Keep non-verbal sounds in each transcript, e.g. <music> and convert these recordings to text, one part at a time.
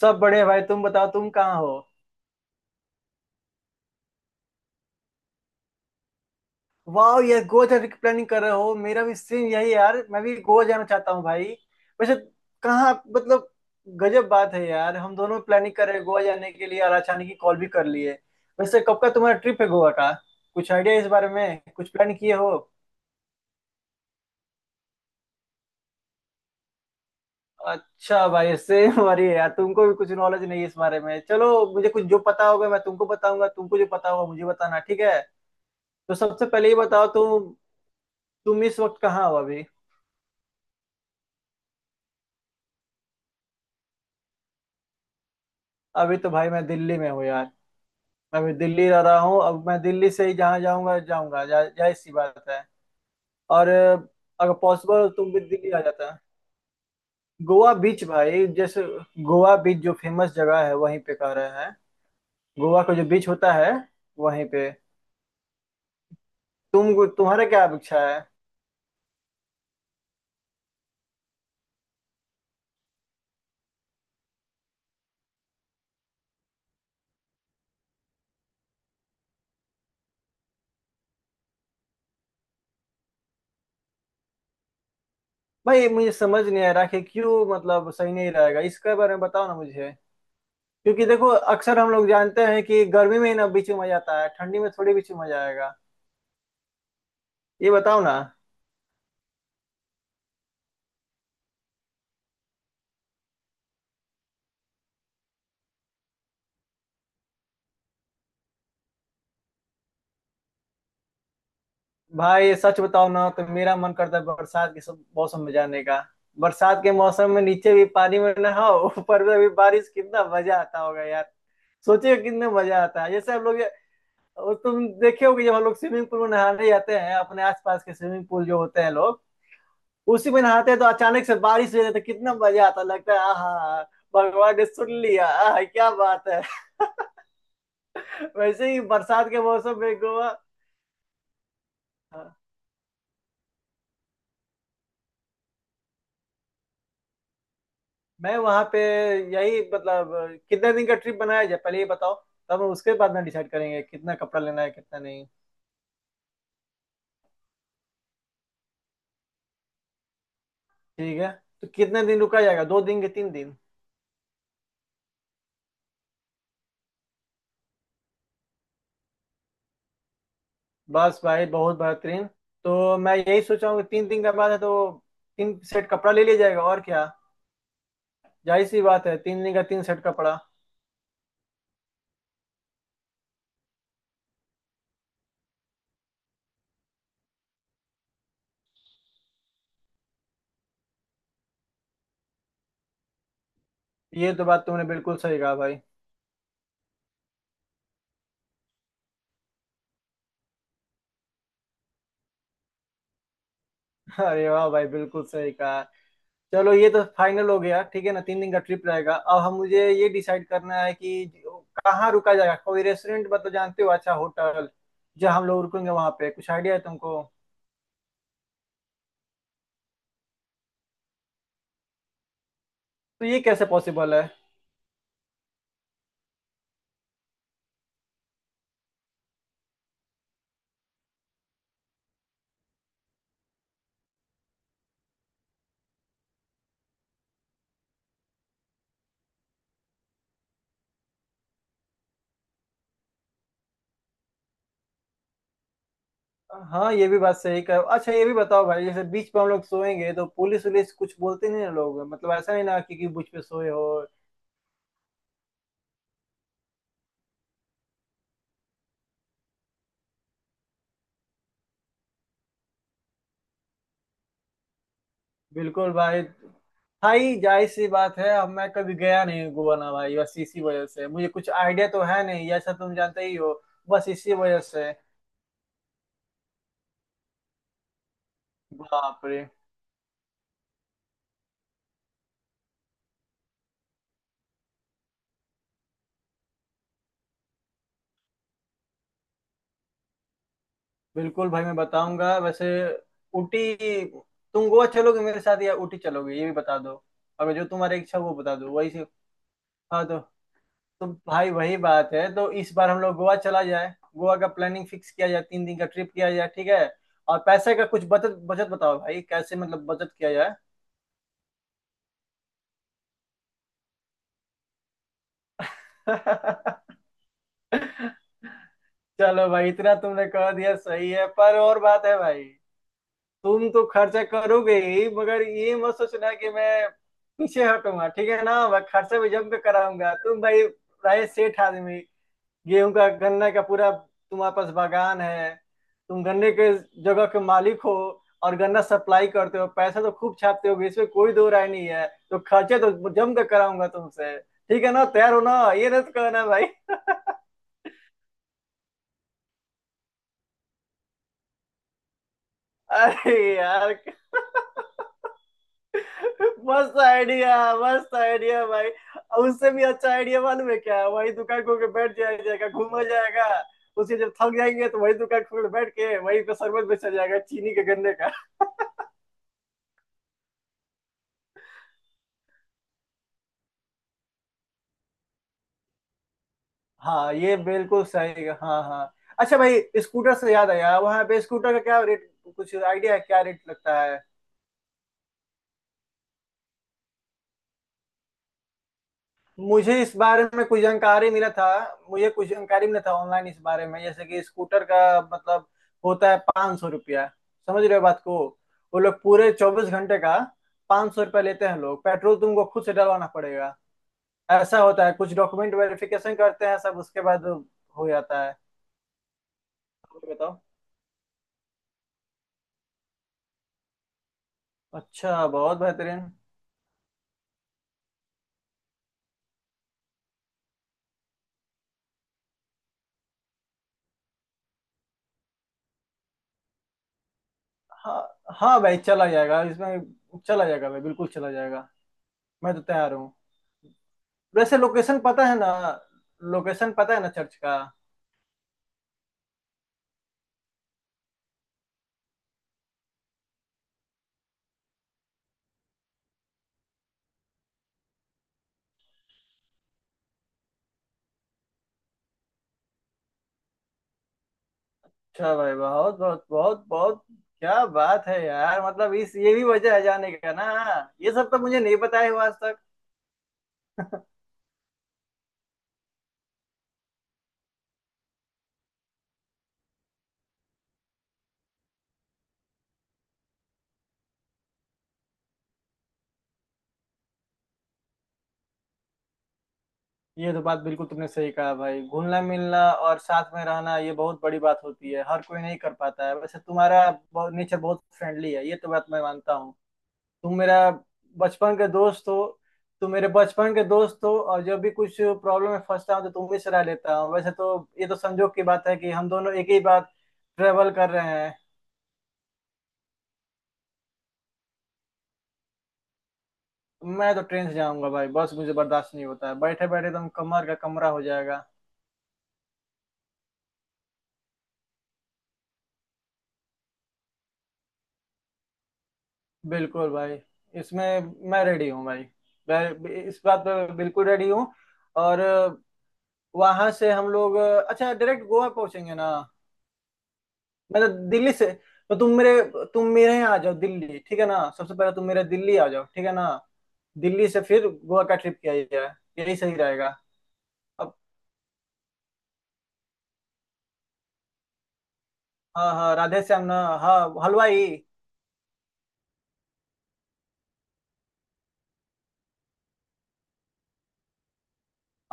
सब बड़े भाई, तुम बताओ तुम कहाँ हो। वाह यार, गोवा जाने की प्लानिंग कर रहे हो। मेरा भी सेम यही है यार, मैं भी गोवा जाना चाहता हूँ भाई। वैसे कहाँ मतलब गजब बात है यार, हम दोनों प्लानिंग कर रहे हैं गोवा जाने के लिए और अचानक ही कॉल भी कर लिए। वैसे कब का तुम्हारा ट्रिप है गोवा का? कुछ आइडिया इस बारे में, कुछ प्लान किए हो? अच्छा भाई, सेम हमारी <laughs> है यार। तुमको भी कुछ नॉलेज नहीं है इस बारे में। चलो, मुझे कुछ जो पता होगा मैं तुमको बताऊंगा, तुमको जो पता होगा मुझे बताना, ठीक है। तो सबसे पहले ये बताओ तुम इस वक्त कहाँ हो अभी। अभी तो भाई मैं दिल्ली में हूँ यार। मैं अभी दिल्ली रह रहा हूँ। अब मैं दिल्ली से ही जहाँ जाऊँगा जाऊँगा जा- जाहिर सी बात है। और अगर पॉसिबल हो तो तुम भी दिल्ली आ जाता। गोवा बीच भाई, जैसे गोवा बीच जो फेमस जगह है वहीं पे कह रहे हैं। गोवा का जो बीच होता है, वहीं पे। तुम्हारा क्या अपेक्षा है? भाई मुझे समझ नहीं आ रहा कि क्यों मतलब सही नहीं रहेगा, इसके बारे में बताओ ना मुझे। क्योंकि देखो, अक्सर हम लोग जानते हैं कि गर्मी में ही ना बीच में मजा आता है, ठंडी में थोड़ी बीच में मजा आएगा। ये बताओ ना। भाई सच बताओ ना, तो मेरा मन करता है बरसात के मौसम में जाने का। बरसात के मौसम में नीचे भी पानी में नहाओ, ऊपर में भी बारिश, कितना मजा आता होगा यार। सोचिए कितना मजा आता है जैसे हम लोग। और तुम देखे होगे, जब हम लोग स्विमिंग पूल में नहाने जाते हैं अपने आसपास के, स्विमिंग पूल जो होते हैं लोग उसी में नहाते हैं, तो अचानक से बारिश हो जाती है, कितना मजा आता है, लगता है आहा, भगवान ने सुन लिया, आहा क्या बात है। <laughs> वैसे ही बरसात के मौसम में गोवा। मैं वहां पे यही मतलब कितने दिन का ट्रिप बनाया जाए, पहले ये बताओ। तब हम उसके बाद ना डिसाइड करेंगे कितना कपड़ा लेना है कितना नहीं। ठीक है। तो कितने दिन रुका जाएगा, दो दिन के तीन दिन? बस भाई, बहुत बेहतरीन। तो मैं यही सोच रहा हूँ कि तीन दिन का बाद है, तो तीन सेट कपड़ा ले लिया जाएगा और क्या। जाहिर सी बात है, तीन दिन का तीन सेट कपड़ा। ये तो बात तुमने बिल्कुल सही कहा भाई। <laughs> अरे वाह भाई, बिल्कुल सही कहा। चलो, ये तो फाइनल हो गया, ठीक है ना। तीन दिन का ट्रिप रहेगा। अब हम, मुझे ये डिसाइड करना है कि कहाँ रुका जाएगा। कोई रेस्टोरेंट में, तो जानते हो अच्छा होटल जहाँ हम लोग रुकेंगे, वहाँ पे कुछ आइडिया है तुमको? तो ये कैसे पॉसिबल है? हाँ ये भी बात सही कर। अच्छा ये भी बताओ भाई, जैसे बीच पे हम लोग सोएंगे तो पुलिस वुलिस कुछ बोलते नहीं ना लोग, मतलब ऐसा नहीं ना कि बीच पे सोए हो। बिल्कुल भाई। भाई जाहिर सी बात है, अब मैं कभी गया नहीं हूँ गोवा ना भाई, बस इसी वजह से मुझे कुछ आइडिया तो है नहीं, जैसा तुम जानते ही हो। बस इसी वजह से। बाप रे। बिल्कुल भाई, मैं बताऊंगा। वैसे ऊटी, तुम गोवा चलोगे मेरे साथ या ऊटी चलोगे, ये भी बता दो। अगर जो तुम्हारी इच्छा वो बता दो वही से। हाँ तो भाई वही बात है। तो इस बार हम लोग गोवा चला जाए, गोवा का प्लानिंग फिक्स किया जाए, तीन दिन का ट्रिप किया जाए, ठीक है। और पैसे का कुछ बचत बचत बताओ भाई, कैसे मतलब बचत किया जाए। <laughs> चलो भाई, इतना तुमने कह दिया सही है, पर और बात है भाई। तुम तो खर्चा करोगे ही, मगर ये मत सोचना कि मैं पीछे हटूंगा, ठीक है ना। मैं खर्चा भी जम के कराऊंगा तुम भाई। राय सेठ आदमी। गेहूं का गन्ने का पूरा तुम्हारे पास बागान है। तुम गन्ने के जगह के मालिक हो और गन्ना सप्लाई करते हो, पैसा तो खूब छापते हो, इसमें कोई दो राय नहीं है। तो खर्चे तो जम कर कराऊंगा तुमसे, ठीक है ना। तैयार हो ना, ये नहीं तो कहना भाई। अरे यार, मस्त आइडिया। मस्त आइडिया भाई। और उससे भी अच्छा आइडिया मालूम है क्या, वही दुकान खोल के बैठ जाया जाएगा, घूमा जाएगा। उसे जब थक जाएंगे तो वही दुकान खोल के बैठ के वही पे शरबत बेचा जाएगा चीनी के गन्ने का। हाँ ये बिल्कुल सही है, हाँ हाँ। अच्छा भाई, स्कूटर से याद आया, वहाँ पे स्कूटर का क्या रेट? कुछ आइडिया है क्या, रेट लगता है? मुझे इस बारे में कुछ जानकारी मिला था। मुझे कुछ जानकारी मिला था ऑनलाइन इस बारे में, जैसे कि स्कूटर का मतलब होता है 500 रुपया। समझ रहे हो बात को। वो लोग पूरे 24 घंटे का 500 रुपया लेते हैं लोग, पेट्रोल तुमको खुद से डलवाना पड़ेगा। ऐसा होता है, कुछ डॉक्यूमेंट वेरिफिकेशन करते हैं सब, उसके बाद हो जाता है। और बताओ। अच्छा बहुत बेहतरीन। हाँ हाँ भाई चला जाएगा, इसमें चला जाएगा भाई, बिल्कुल चला जाएगा। मैं तो तैयार हूँ। वैसे लोकेशन पता है ना, लोकेशन पता है ना चर्च का? अच्छा भाई, बहुत बहुत बहुत बहुत क्या बात है यार, मतलब इस ये भी वजह है जाने का ना। ये सब तो मुझे नहीं पता है आज तक। ये तो बात बिल्कुल तुमने सही कहा भाई। घुलना मिलना और साथ में रहना ये बहुत बड़ी बात होती है, हर कोई नहीं कर पाता है। वैसे तुम्हारा नेचर बहुत फ्रेंडली है, ये तो बात मैं मानता हूँ। तुम मेरा बचपन के दोस्त हो। तुम मेरे बचपन के दोस्त हो और जब भी कुछ प्रॉब्लम में फंसता हूँ तो तुम ही सलाह लेता हूँ वैसे तो। ये तो संजोग की बात है कि हम दोनों एक ही बात ट्रेवल कर रहे हैं। मैं तो ट्रेन से जाऊंगा भाई, बस मुझे बर्दाश्त नहीं होता है, बैठे बैठे एकदम कमर का कमरा हो जाएगा। बिल्कुल भाई, इसमें मैं रेडी हूँ भाई। मैं इस बात पे बिल्कुल रेडी हूँ। और वहां से हम लोग अच्छा डायरेक्ट गोवा पहुंचेंगे ना? मैं तो दिल्ली से, तो तुम मेरे, तुम मेरे यहाँ आ जाओ दिल्ली, ठीक है ना। सबसे पहले तुम मेरे दिल्ली आ जाओ, ठीक है ना। दिल्ली से फिर गोवा का ट्रिप किया जाए, यही सही रहेगा। अब हाँ हाँ राधे श्याम ना। हाँ हलवाई।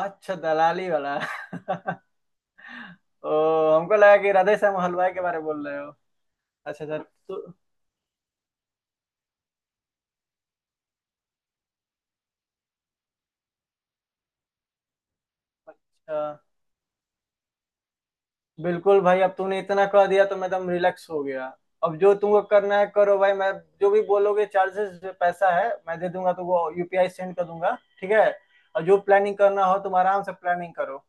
अच्छा दलाली वाला। <laughs> ओ, हमको लगा कि राधे श्याम हलवाई के बारे में बोल रहे हो। अच्छा अच्छा। तो अच्छा बिल्कुल भाई, अब तूने इतना कह दिया तो मैं एकदम रिलैक्स हो गया। अब जो तुमको करना है करो भाई। मैं जो भी बोलोगे चार्जेस पैसा है मैं दे दूंगा, तो वो यूपीआई सेंड कर दूंगा, ठीक है। और जो प्लानिंग करना हो तुम आराम से प्लानिंग करो।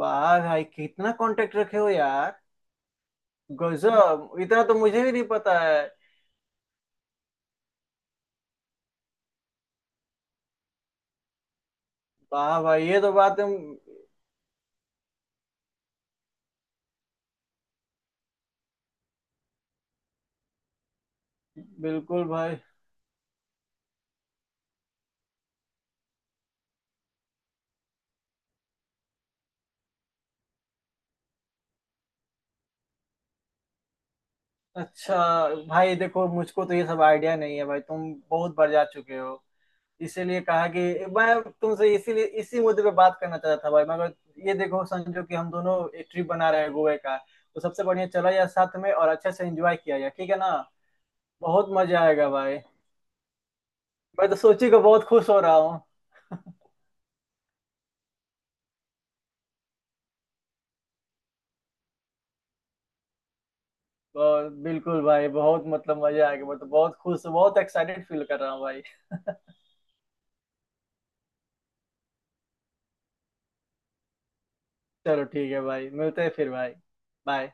वाह भाई, कितना कांटेक्ट रखे हो यार। गजब, इतना तो मुझे भी नहीं पता है। वाह भाई, ये तो बात है। बिल्कुल भाई। अच्छा भाई देखो, मुझको तो ये सब आइडिया नहीं है भाई, तुम बहुत बढ़ जा चुके हो। इसीलिए कहा कि मैं तुमसे इसीलिए इसी मुद्दे पे बात करना चाहता था भाई। मगर ये देखो, संजो कि हम दोनों एक ट्रिप बना रहे हैं गोवा का। तो सबसे बढ़िया चला जाए साथ में और अच्छे से एंजॉय किया जाए, ठीक है ना। बहुत मजा आएगा भाई। मैं तो सोची को बहुत खुश हो रहा हूँ। और बिल्कुल भाई बहुत मतलब मजा आएगा, मैं तो बहुत खुश, बहुत एक्साइटेड फील कर रहा हूँ भाई। चलो ठीक है भाई, मिलते हैं फिर भाई। बाय।